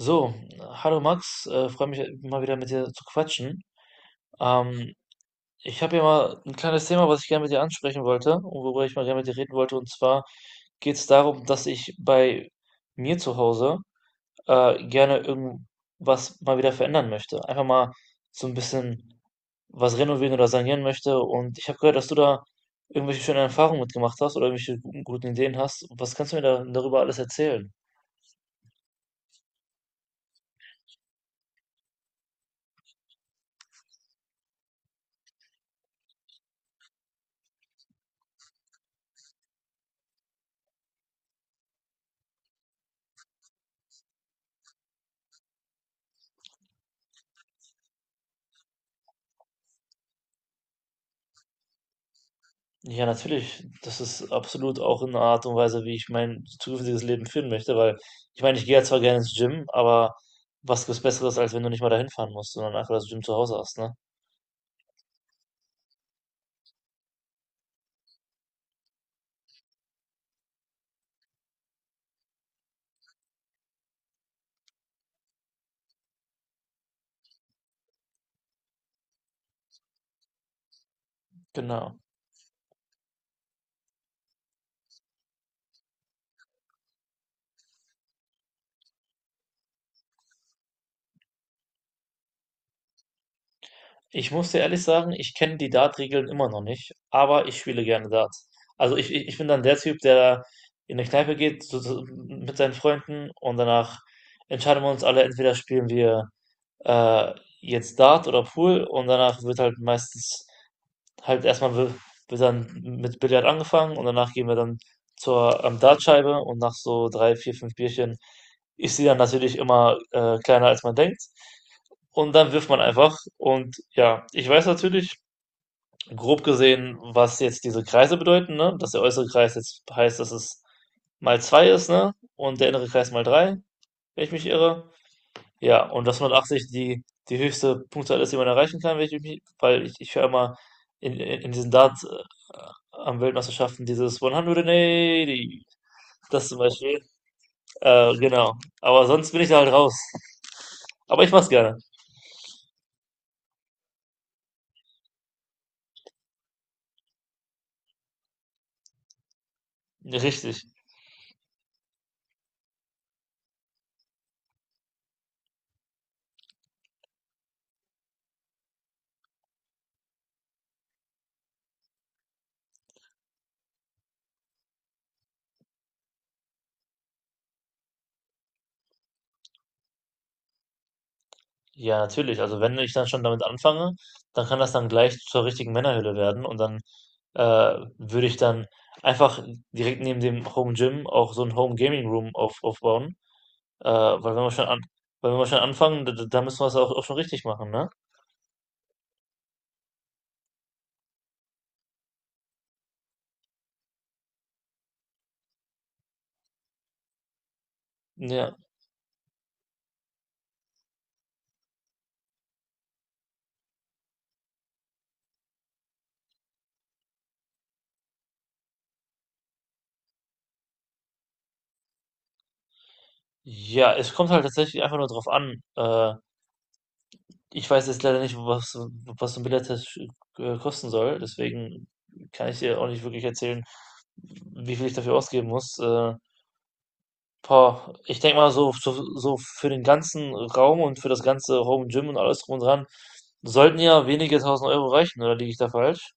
So, hallo Max, freue mich mal wieder mit dir zu quatschen. Ähm, Ich habe hier mal ein kleines Thema, was ich gerne mit dir ansprechen wollte und worüber ich mal gerne mit dir reden wollte. Und zwar geht es darum, dass ich bei mir zu Hause gerne irgendwas mal wieder verändern möchte. Einfach mal so ein bisschen was renovieren oder sanieren möchte. Und ich habe gehört, dass du da irgendwelche schönen Erfahrungen mitgemacht hast oder irgendwelche guten Ideen hast. Was kannst du mir darüber alles erzählen? Ja, natürlich. Das ist absolut auch eine Art und Weise, wie ich mein zukünftiges Leben führen möchte, weil ich meine, ich gehe ja zwar gerne ins Gym, aber was gibt's Besseres, als wenn du nicht mal dahin fahren musst, sondern einfach das Gym zu Hause hast, ne? Genau. Ich muss dir ehrlich sagen, ich kenne die Dart-Regeln immer noch nicht, aber ich spiele gerne Dart. Also ich bin dann der Typ, der in eine Kneipe geht so, mit seinen Freunden und danach entscheiden wir uns alle, entweder spielen wir äh, jetzt Dart oder Pool und danach wird halt meistens halt erstmal wird dann mit Billard angefangen und danach gehen wir dann zur Dartscheibe und nach so drei, vier, fünf Bierchen ist sie dann natürlich immer kleiner als man denkt. Und dann wirft man einfach. Und ja, ich weiß natürlich, grob gesehen, was jetzt diese Kreise bedeuten, ne? Dass der äußere Kreis jetzt heißt, dass es mal zwei ist, ne? Und der innere Kreis mal drei, wenn ich mich irre. Ja, und dass 180 die höchste Punktzahl ist, die man erreichen kann, wenn ich mich, weil ich höre immer in diesen Darts am Weltmeisterschaften dieses 180, das zum Beispiel. Genau. Aber sonst bin ich da halt raus. Aber ich mach's gerne. Richtig. Ja, natürlich. Also wenn ich dann schon damit anfange, dann kann das dann gleich zur richtigen Männerhöhle werden und dann äh, würde ich dann einfach direkt neben dem Home Gym auch so ein Home Gaming Room aufbauen. Äh, weil wenn wir schon an, Weil wenn wir schon anfangen, da müssen wir es auch schon richtig machen, ne? Ja. Ja, es kommt halt tatsächlich einfach nur drauf an. Ich weiß jetzt leider nicht, was so ein Billard-Test kosten soll, deswegen kann ich dir auch nicht wirklich erzählen, wie viel ich dafür ausgeben muss. Boah, ich denke mal, so für den ganzen Raum und für das ganze Home Gym und alles drum und dran sollten ja wenige tausend Euro reichen, oder liege ich da falsch?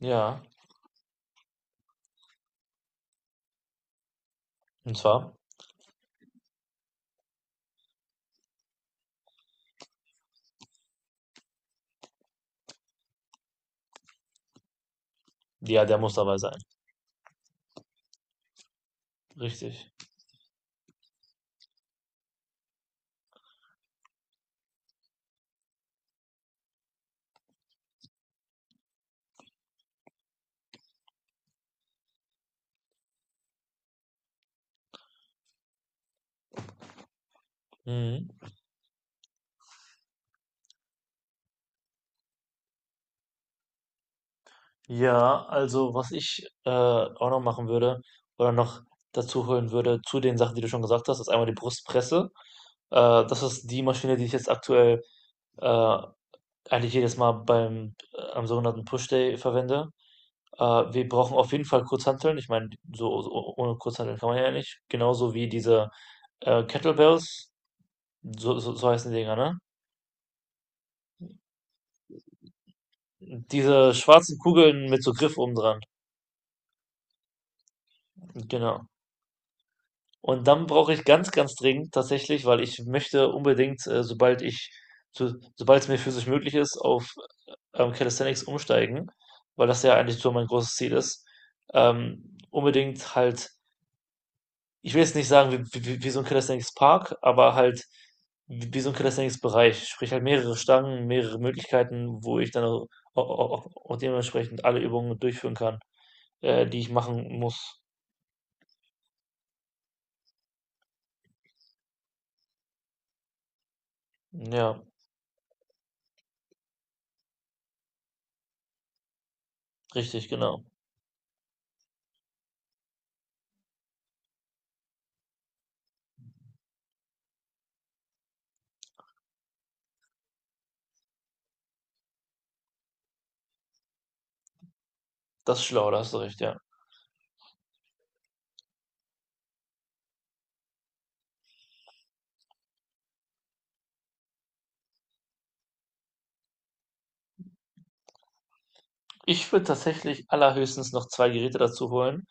Ja, und zwar, ja, der muss dabei sein. Richtig. Mhm. Ja, also was ich auch noch machen würde oder noch dazu holen würde zu den Sachen, die du schon gesagt hast, ist einmal die Brustpresse. Äh, Das ist die Maschine, die ich jetzt aktuell äh, eigentlich jedes Mal beim am sogenannten Push-Day verwende. Äh, Wir brauchen auf jeden Fall Kurzhanteln. Ich meine, so ohne Kurzhanteln kann man ja nicht. Genauso wie diese Kettlebells, so heißen die Dinger, ne? Diese schwarzen Kugeln mit so Griff oben dran. Genau. Und dann brauche ich ganz, ganz dringend tatsächlich, weil ich möchte unbedingt, sobald es mir physisch möglich ist, auf Calisthenics umsteigen, weil das ja eigentlich so mein großes Ziel ist. Unbedingt halt, ich will jetzt nicht sagen, wie so ein Calisthenics Park, aber halt wie so ein Calisthenics Bereich. Sprich halt mehrere Stangen, mehrere Möglichkeiten, wo ich dann auch dementsprechend alle Übungen durchführen kann, die ich machen muss. Ja, richtig, genau. Das ist schlau, da hast du recht, ja. Ich würde tatsächlich allerhöchstens noch 2 Geräte dazu holen.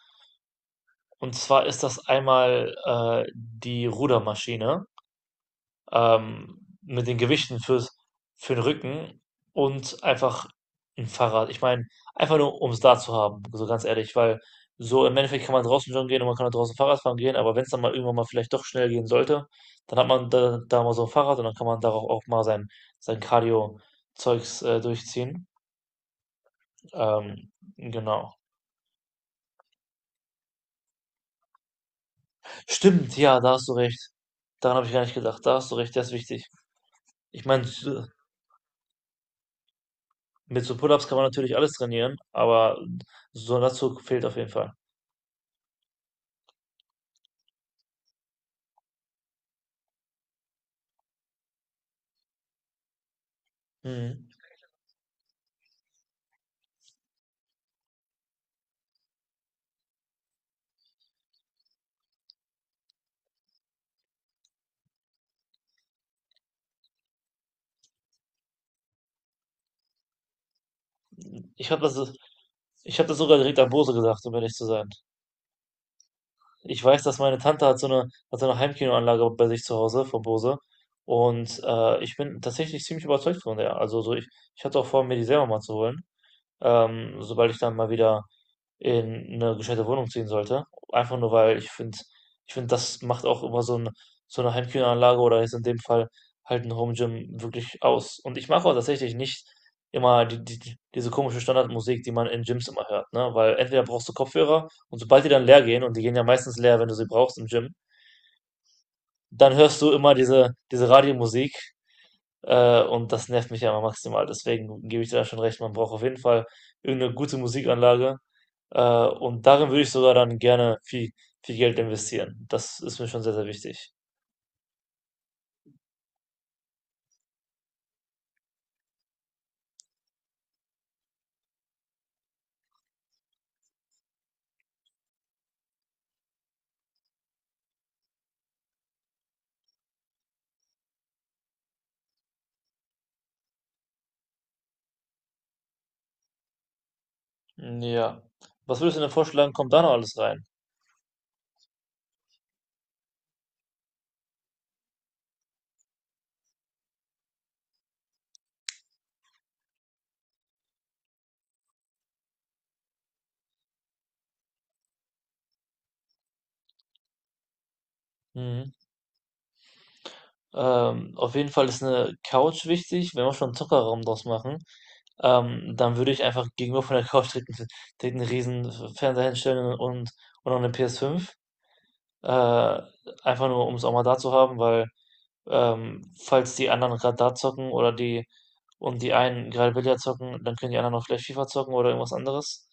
Und zwar ist das einmal, die Rudermaschine, mit den Gewichten für den Rücken und einfach ein Fahrrad. Ich meine, einfach nur, um's da zu haben, so ganz ehrlich, weil so im Endeffekt kann man draußen joggen gehen und man kann auch draußen Fahrrad fahren gehen, aber wenn es dann mal irgendwann mal vielleicht doch schnell gehen sollte, dann hat man da mal so ein Fahrrad und dann kann man darauf auch mal sein Cardio-Zeugs, durchziehen. Ähm, genau. Stimmt, ja, da hast du recht. Daran habe ich gar nicht gedacht. Da hast du recht, das ist wichtig. Ich meine, mit so Pull-ups kann man natürlich alles trainieren, aber so ein Latzug fehlt auf jeden Fall. Mhm. Ich habe das, ich habe das sogar direkt an Bose gesagt, um ehrlich zu sein. Ich weiß, dass meine Tante hat so eine Heimkinoanlage bei sich zu Hause von Bose. Und ich bin tatsächlich ziemlich überzeugt von der. Also so ich hatte auch vor, mir die selber mal zu holen. Sobald ich dann mal wieder in eine gescheite Wohnung ziehen sollte. Einfach nur, weil ich finde, das macht auch immer so eine Heimkinoanlage oder jetzt in dem Fall halt ein Home Gym wirklich aus. Und ich mache auch tatsächlich nicht immer diese komische Standardmusik, die man in Gyms immer hört, ne? Weil entweder brauchst du Kopfhörer und sobald die dann leer gehen, und die gehen ja meistens leer, wenn du sie brauchst im Gym, dann hörst du immer diese Radiomusik. Und das nervt mich ja immer maximal. Deswegen gebe ich dir da schon recht, man braucht auf jeden Fall irgendeine gute Musikanlage, und darin würde ich sogar dann gerne viel, viel Geld investieren. Das ist mir schon sehr, sehr wichtig. Ja. Was würdest du denn vorschlagen, kommt da noch alles rein? Mhm. Auf jeden Fall ist eine Couch wichtig. Wenn wir schon einen Zockerraum draus machen, dann würde ich einfach gegenüber von der Couch direkt einen riesen Fernseher hinstellen und noch eine PS5. Äh, Einfach nur, um es auch mal da zu haben, weil falls die anderen gerade da zocken oder die und die einen gerade Billard zocken, dann können die anderen auch vielleicht FIFA zocken oder irgendwas anderes.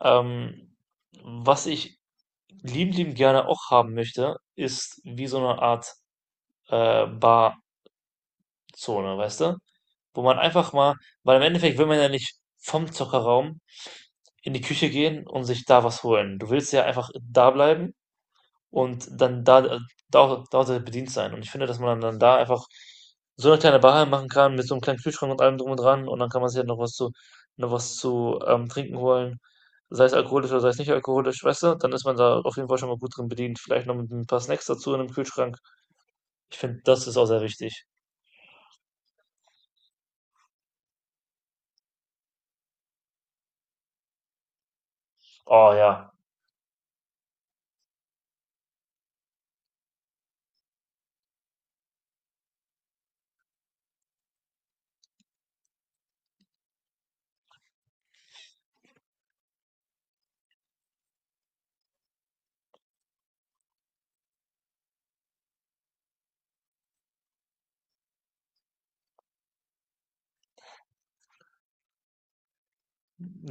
Ähm, Was ich liebend, liebend gerne auch haben möchte, ist wie so eine Art Barzone, weißt du? Wo man einfach mal, weil im Endeffekt will man ja nicht vom Zockerraum in die Küche gehen und sich da was holen. Du willst ja einfach da bleiben und dann da auch bedient sein. Und ich finde, dass man dann da einfach so eine kleine Bar machen kann mit so einem kleinen Kühlschrank und allem drum und dran und dann kann man sich halt noch was zu trinken holen, sei es alkoholisch oder sei es nicht alkoholisch, weißt du, dann ist man da auf jeden Fall schon mal gut drin bedient. Vielleicht noch mit ein paar Snacks dazu in einem Kühlschrank. Ich finde, das ist auch sehr wichtig. Oh ja,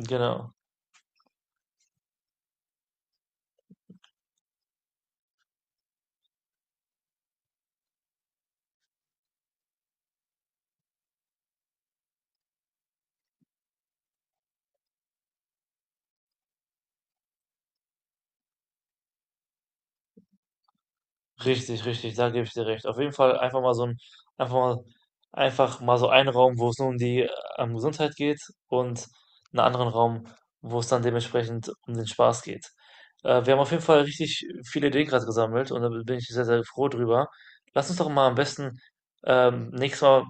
genau. Richtig, richtig, da gebe ich dir recht. Auf jeden Fall einfach mal einfach mal einfach mal so einen Raum, wo's nur um die Gesundheit geht und einen anderen Raum, wo es dann dementsprechend um den Spaß geht. Wir haben auf jeden Fall richtig viele Ideen gerade gesammelt und da bin ich sehr, sehr froh drüber. Lass uns doch mal am besten, nächstes Mal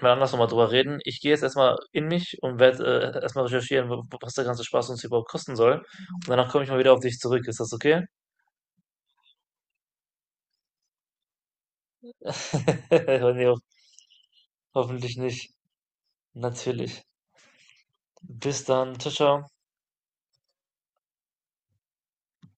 mal anders noch mal drüber reden. Ich gehe jetzt erstmal in mich und werde, erst recherchieren, w was der ganze Spaß uns überhaupt kosten soll und danach komme ich mal wieder auf dich zurück. Ist das okay? Oh ne, ho hoffentlich nicht. Natürlich. Bis dann. Tschau, tschau.